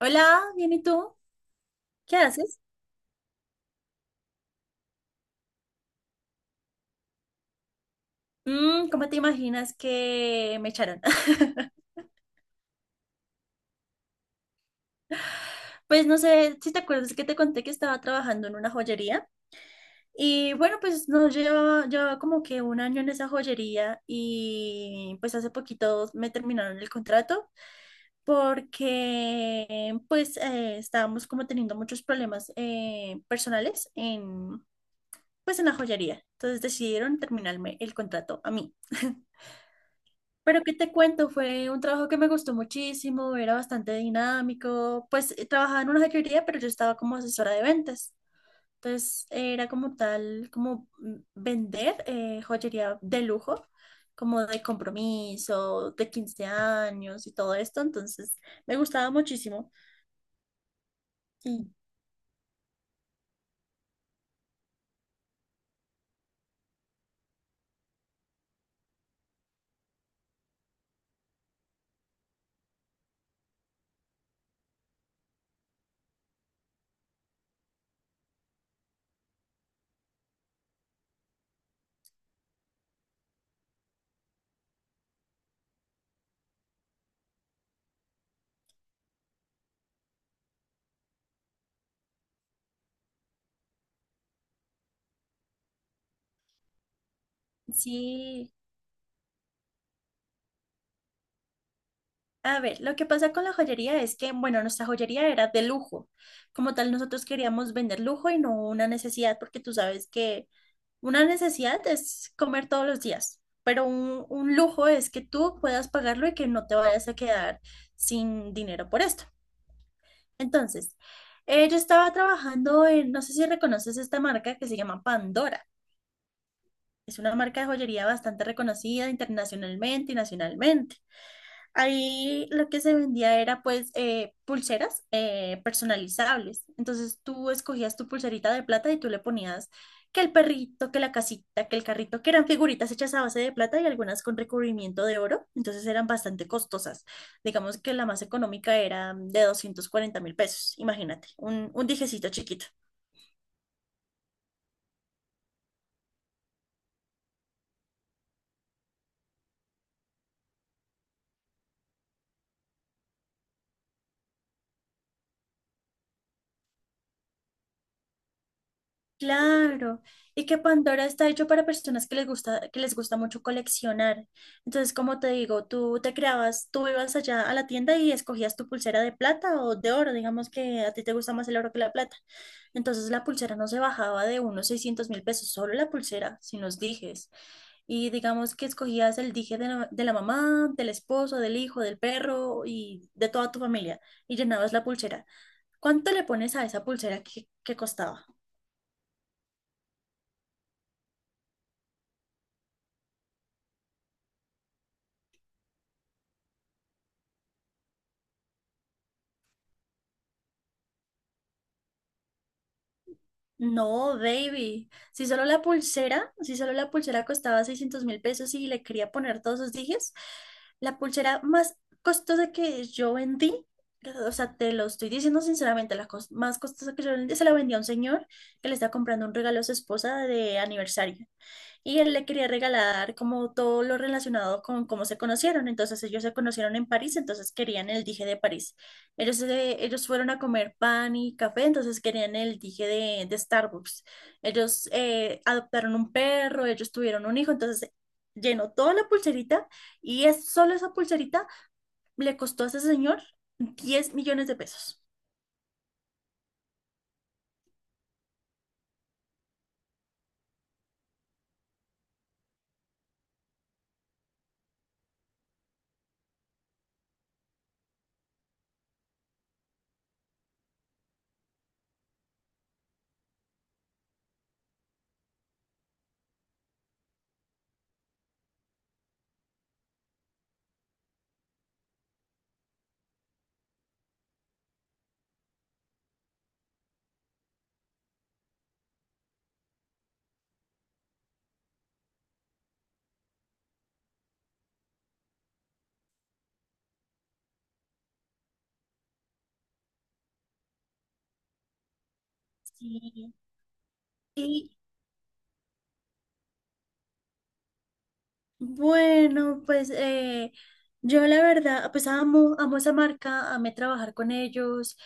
Hola, bien, ¿y tú? ¿Qué haces? ¿Cómo te imaginas que me echaron? Pues no sé si te acuerdas que te conté que estaba trabajando en una joyería. Y bueno, pues no llevaba, llevaba como que un año en esa joyería y pues hace poquito me terminaron el contrato porque pues estábamos como teniendo muchos problemas personales en pues en la joyería. Entonces decidieron terminarme el contrato a mí. Pero qué te cuento, fue un trabajo que me gustó muchísimo, era bastante dinámico, pues trabajaba en una joyería, pero yo estaba como asesora de ventas. Entonces era como tal, como vender joyería de lujo, como de compromiso, de 15 años y todo esto. Entonces me gustaba muchísimo. Sí, sí, a ver, lo que pasa con la joyería es que, bueno, nuestra joyería era de lujo. Como tal, nosotros queríamos vender lujo y no una necesidad, porque tú sabes que una necesidad es comer todos los días, pero un lujo es que tú puedas pagarlo y que no te vayas a quedar sin dinero por esto. Entonces, yo estaba trabajando en, no sé si reconoces esta marca que se llama Pandora. Es una marca de joyería bastante reconocida internacionalmente y nacionalmente. Ahí lo que se vendía era pues pulseras personalizables. Entonces tú escogías tu pulserita de plata y tú le ponías que el perrito, que la casita, que el carrito, que eran figuritas hechas a base de plata y algunas con recubrimiento de oro. Entonces eran bastante costosas. Digamos que la más económica era de 240.000 pesos. Imagínate, un dijecito chiquito. Claro, y que Pandora está hecho para personas que les gusta mucho coleccionar. Entonces, como te digo, tú te creabas, tú ibas allá a la tienda y escogías tu pulsera de plata o de oro, digamos que a ti te gusta más el oro que la plata. Entonces, la pulsera no se bajaba de unos 600.000 pesos, solo la pulsera, sin los dijes. Y digamos que escogías el dije de la mamá, del esposo, del hijo, del perro y de toda tu familia y llenabas la pulsera. ¿Cuánto le pones a esa pulsera que costaba? No, baby. Si solo la pulsera, si solo la pulsera costaba 600 mil pesos y le quería poner todos los dijes, la pulsera más costosa que yo vendí, o sea, te lo estoy diciendo sinceramente, la más costosa que yo vendí, se la vendí a un señor que le está comprando un regalo a su esposa de aniversario. Y él le quería regalar como todo lo relacionado con cómo se conocieron. Entonces ellos se conocieron en París, entonces querían el dije de París. Ellos fueron a comer pan y café, entonces querían el dije de Starbucks. Ellos adoptaron un perro, ellos tuvieron un hijo, entonces llenó toda la pulserita y es, solo esa pulserita le costó a ese señor 10 millones de pesos. Sí. Y bueno, pues yo la verdad, pues amo, amo esa marca, amé trabajar con ellos.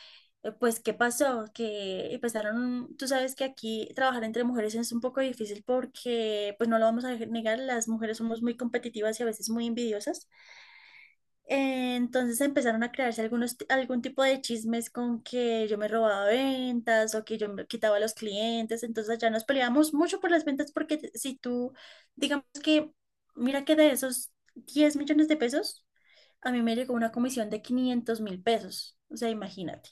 Pues, ¿qué pasó? Que empezaron, tú sabes que aquí trabajar entre mujeres es un poco difícil porque, pues no lo vamos a negar, las mujeres somos muy competitivas y a veces muy envidiosas. Entonces empezaron a crearse algún tipo de chismes con que yo me robaba ventas o que yo me quitaba a los clientes. Entonces ya nos peleábamos mucho por las ventas porque si tú, digamos que, mira que de esos 10 millones de pesos, a mí me llegó una comisión de 500.000 pesos. O sea, imagínate.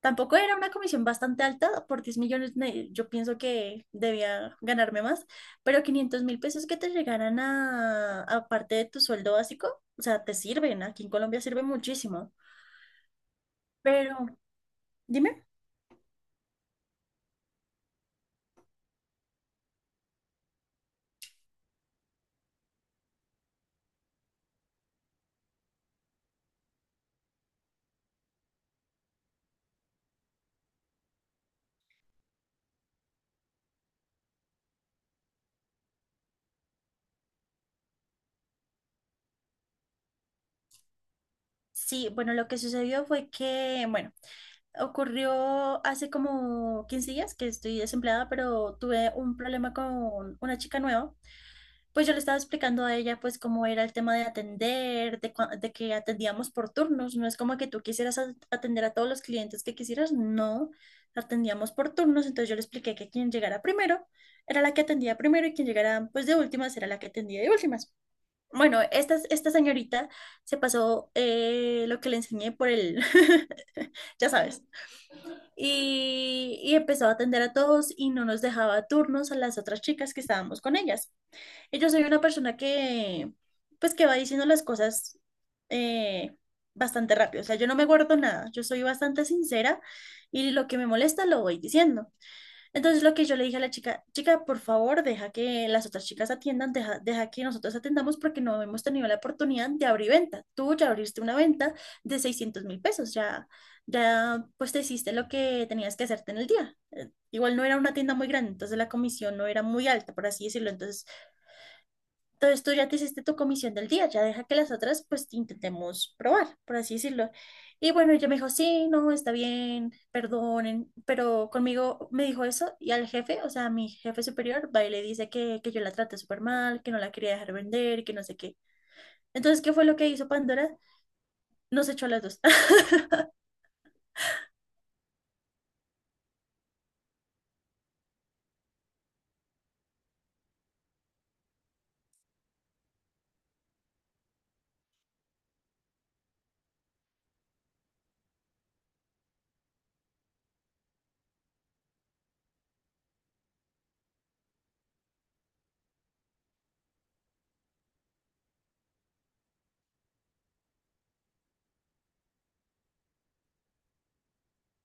Tampoco era una comisión bastante alta, por 10 millones yo pienso que debía ganarme más, pero 500.000 pesos que te llegaran a parte de tu sueldo básico, o sea, te sirven, aquí en Colombia sirve muchísimo. Pero, dime. Sí, bueno, lo que sucedió fue que, bueno, ocurrió hace como 15 días que estoy desempleada, pero tuve un problema con una chica nueva. Pues yo le estaba explicando a ella pues cómo era el tema de atender, de que atendíamos por turnos, no es como que tú quisieras atender a todos los clientes que quisieras, no, atendíamos por turnos, entonces yo le expliqué que quien llegara primero era la que atendía primero y quien llegara pues de últimas era la que atendía de últimas. Bueno, esta señorita se pasó lo que le enseñé por el, ya sabes, y empezó a atender a todos y no nos dejaba turnos a las otras chicas que estábamos con ellas. Y yo soy una persona que, pues, que va diciendo las cosas eh, bastante rápido. O sea, yo no me guardo nada. Yo soy bastante sincera y lo que me molesta lo voy diciendo. Entonces, lo que yo le dije a la chica, chica, por favor, deja que las otras chicas atiendan, deja que nosotros atendamos porque no hemos tenido la oportunidad de abrir venta. Tú ya abriste una venta de 600.000 pesos, ya, ya, pues, te hiciste lo que tenías que hacerte en el día. Igual no era una tienda muy grande, entonces la comisión no era muy alta, por así decirlo. Entonces, tú ya te hiciste tu comisión del día, ya deja que las otras pues intentemos probar, por así decirlo. Y bueno, ella me dijo, sí, no, está bien, perdonen, pero conmigo me dijo eso y al jefe, o sea, a mi jefe superior, va y le dice que yo la traté súper mal, que no la quería dejar vender, que no sé qué. Entonces, ¿qué fue lo que hizo Pandora? Nos echó a las dos.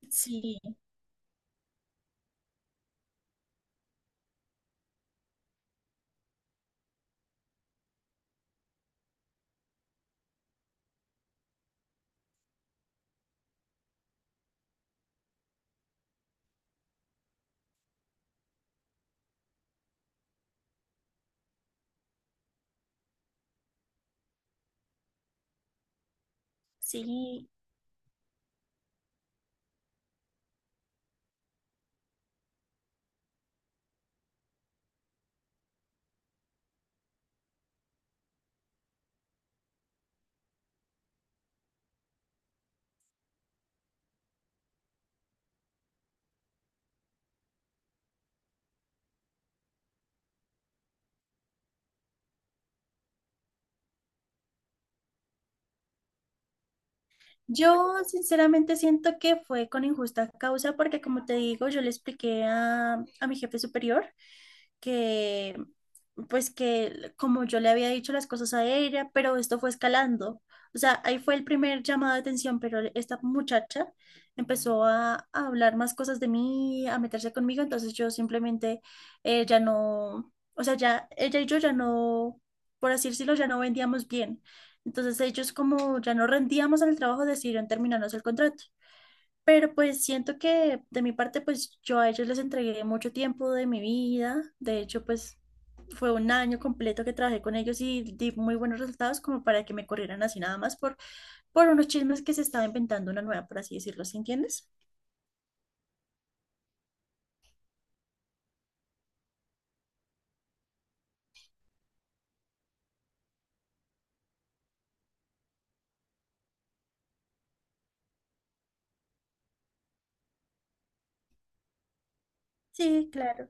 Sí, sí. Yo sinceramente siento que fue con injusta causa porque como te digo, yo le expliqué a mi jefe superior, que pues que como yo le había dicho las cosas a ella, pero esto fue escalando. O sea, ahí fue el primer llamado de atención, pero esta muchacha empezó a hablar más cosas de mí, a meterse conmigo, entonces yo simplemente ya no, o sea, ya ella y yo ya no, por así decirlo, ya no vendíamos bien. Entonces ellos como ya no rendíamos en el trabajo, decidieron terminarnos el contrato. Pero pues siento que de mi parte, pues yo a ellos les entregué mucho tiempo de mi vida. De hecho, pues fue un año completo que trabajé con ellos y di muy buenos resultados como para que me corrieran así nada más por unos chismes que se estaba inventando una nueva, por así decirlo, ¿sí entiendes? Sí, claro.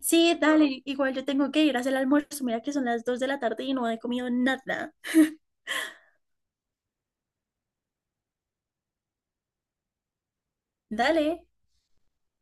Sí, dale, igual yo tengo que ir a hacer el almuerzo. Mira que son las 2 de la tarde y no he comido nada. Dale.